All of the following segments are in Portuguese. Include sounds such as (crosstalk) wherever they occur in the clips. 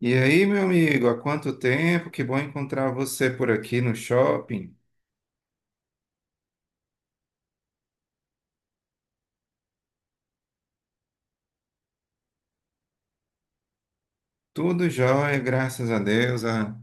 E aí, meu amigo, há quanto tempo? Que bom encontrar você por aqui no shopping. Tudo jóia, graças a Deus.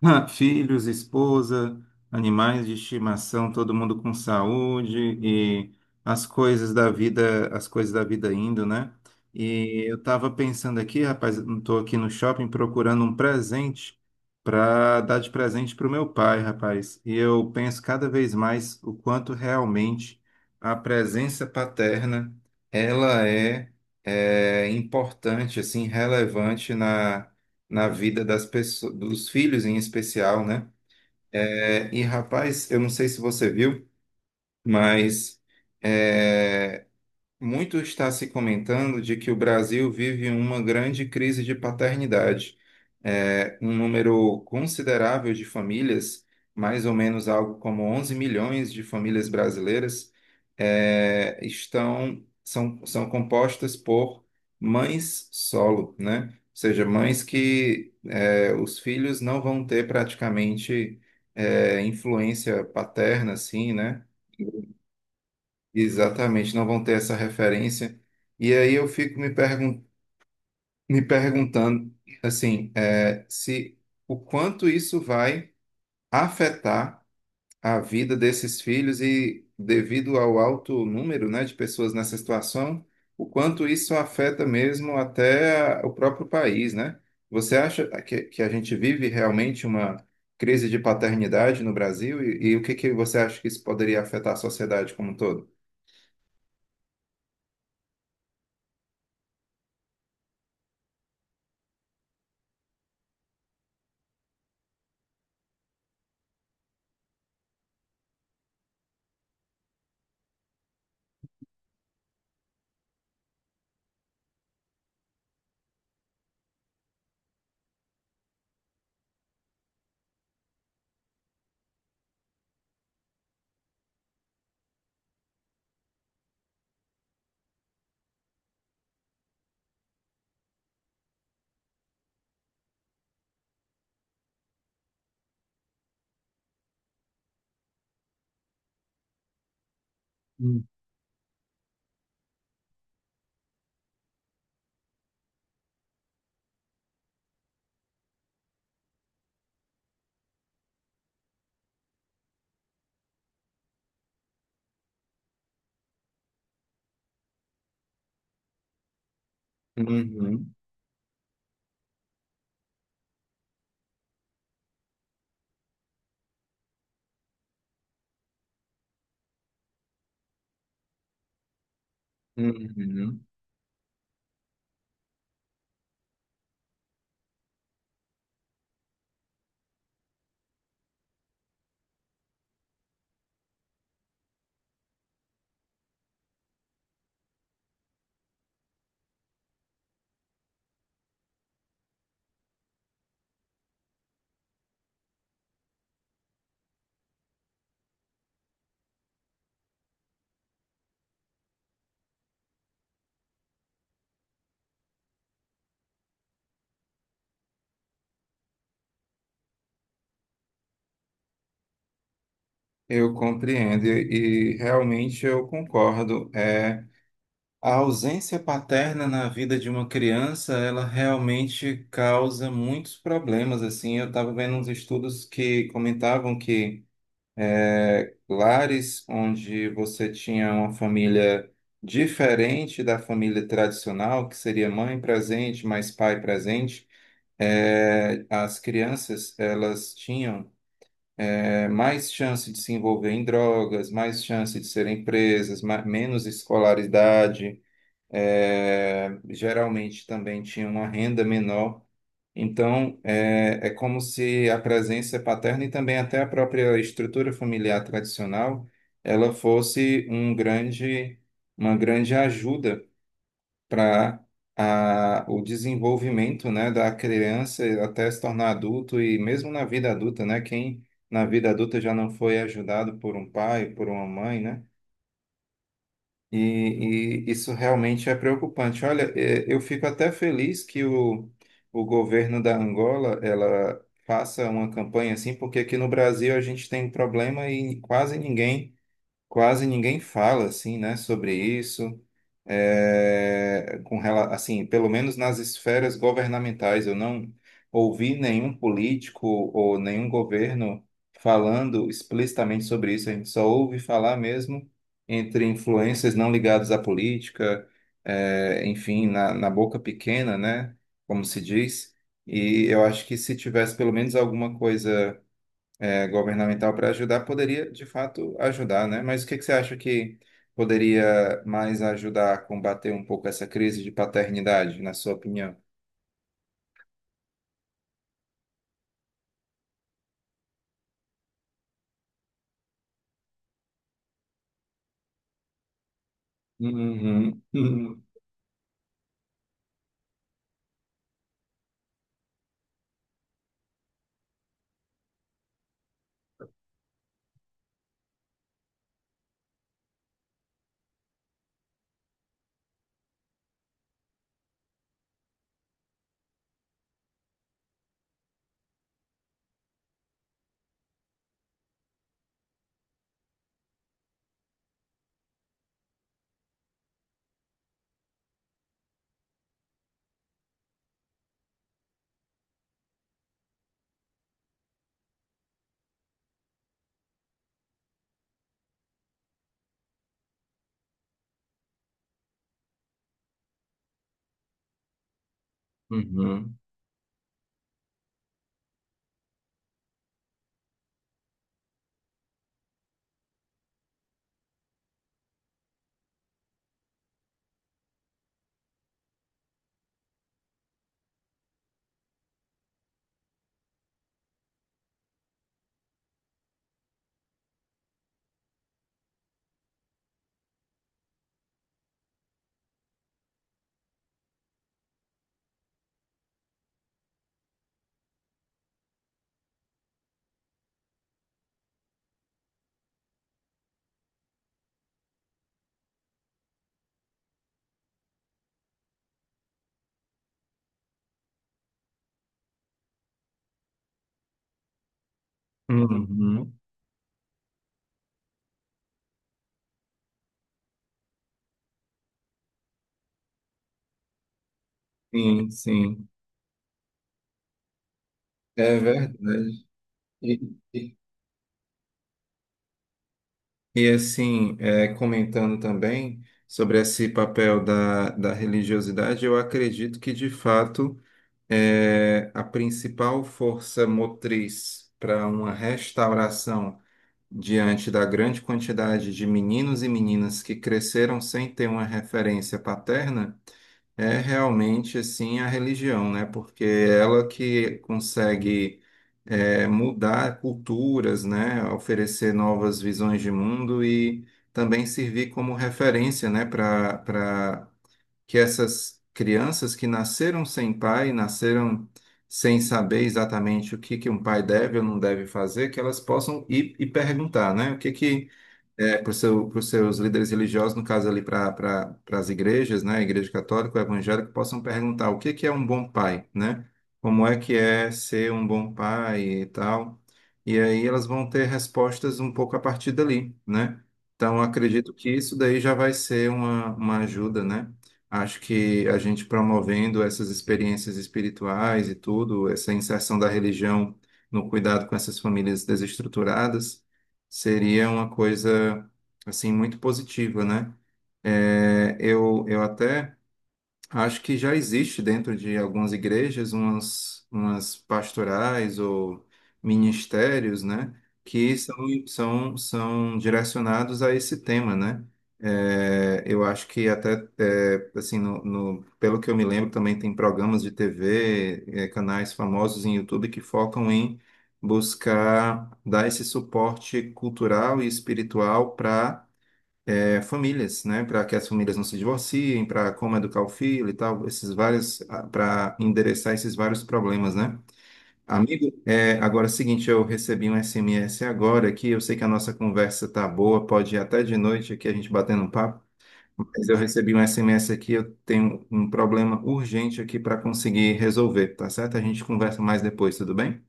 (laughs) Filhos, esposa, animais de estimação, todo mundo com saúde e as coisas da vida indo, né? E eu estava pensando aqui, rapaz, estou aqui no shopping procurando um presente para dar de presente para o meu pai, rapaz. E eu penso cada vez mais o quanto realmente a presença paterna, ela é importante, assim, relevante na vida das pessoas, dos filhos em especial, né? É, e rapaz, eu não sei se você viu, mas é, muito está se comentando de que o Brasil vive uma grande crise de paternidade. É, um número considerável de famílias, mais ou menos algo como 11 milhões de famílias brasileiras, são compostas por mães solo, né? Ou seja, mães que os filhos não vão ter praticamente influência paterna, assim, né? Exatamente, não vão ter essa referência. E aí eu fico me, pergun me perguntando, assim, é, se o quanto isso vai afetar a vida desses filhos e devido ao alto número, né, de pessoas nessa situação, o quanto isso afeta mesmo até o próprio país, né? Você acha que a gente vive realmente uma crise de paternidade no Brasil? E o que que você acha que isso poderia afetar a sociedade como um todo? Hum. Uhum. Uhum. Eu compreendo e realmente eu concordo. É, a ausência paterna na vida de uma criança, ela realmente causa muitos problemas. Assim, eu estava vendo uns estudos que comentavam que lares onde você tinha uma família diferente da família tradicional, que seria mãe presente, mais pai presente, é, as crianças elas tinham é, mais chance de se envolver em drogas, mais chance de serem presas, menos escolaridade, é, geralmente também tinha uma renda menor. Então, é como se a presença paterna e também até a própria estrutura familiar tradicional, ela fosse uma grande ajuda para o desenvolvimento, né, da criança até se tornar adulto e mesmo na vida adulta, né, quem na vida adulta já não foi ajudado por um pai, por uma mãe, né? E, isso realmente é preocupante. Olha, eu fico até feliz que o governo da Angola, ela faça uma campanha assim, porque aqui no Brasil a gente tem um problema e quase ninguém fala assim, né, sobre isso, é, assim, pelo menos nas esferas governamentais, eu não ouvi nenhum político ou nenhum governo falando explicitamente sobre isso. A gente só ouve falar mesmo entre influências não ligadas à política, é, enfim, na boca pequena, né, como se diz. E eu acho que se tivesse pelo menos alguma coisa é, governamental para ajudar, poderia de fato ajudar, né? Mas o que que você acha que poderia mais ajudar a combater um pouco essa crise de paternidade, na sua opinião? Uhum, uhum, uhum, uhum. Sim, sim, é verdade. E, e- e, assim, é, comentando também sobre esse papel da religiosidade, eu acredito que de fato é a principal força motriz para uma restauração diante da grande quantidade de meninos e meninas que cresceram sem ter uma referência paterna, é realmente assim a religião, né? Porque é ela que consegue é, mudar culturas, né? Oferecer novas visões de mundo e também servir como referência, né? Para que essas crianças que nasceram sem pai, nasceram sem saber exatamente o que que um pai deve ou não deve fazer, que elas possam ir e perguntar, né? O que que é, para os seus líderes religiosos, no caso ali as igrejas, né, a igreja católica, evangélica, possam perguntar o que que é um bom pai, né? Como é que é ser um bom pai e tal. E aí elas vão ter respostas um pouco a partir dali, né? Então, acredito que isso daí já vai ser uma ajuda, né? Acho que a gente promovendo essas experiências espirituais e tudo, essa inserção da religião no cuidado com essas famílias desestruturadas, seria uma coisa assim muito positiva, né? Eu até acho que já existe dentro de algumas igrejas umas pastorais ou ministérios, né, que são direcionados a esse tema, né? É, eu acho que até, é, assim, pelo que eu me lembro, também tem programas de TV, é, canais famosos em YouTube que focam em buscar dar esse suporte cultural e espiritual para é, famílias, né, para que as famílias não se divorciem, para como educar o filho e tal, para endereçar esses vários problemas, né? Amigo, é, agora é o seguinte, eu recebi um SMS agora aqui, eu sei que a nossa conversa tá boa, pode ir até de noite aqui a gente batendo um papo, mas eu recebi um SMS aqui, eu tenho um problema urgente aqui para conseguir resolver, tá certo? A gente conversa mais depois, tudo bem?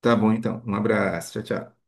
Tá bom então, um abraço, tchau, tchau.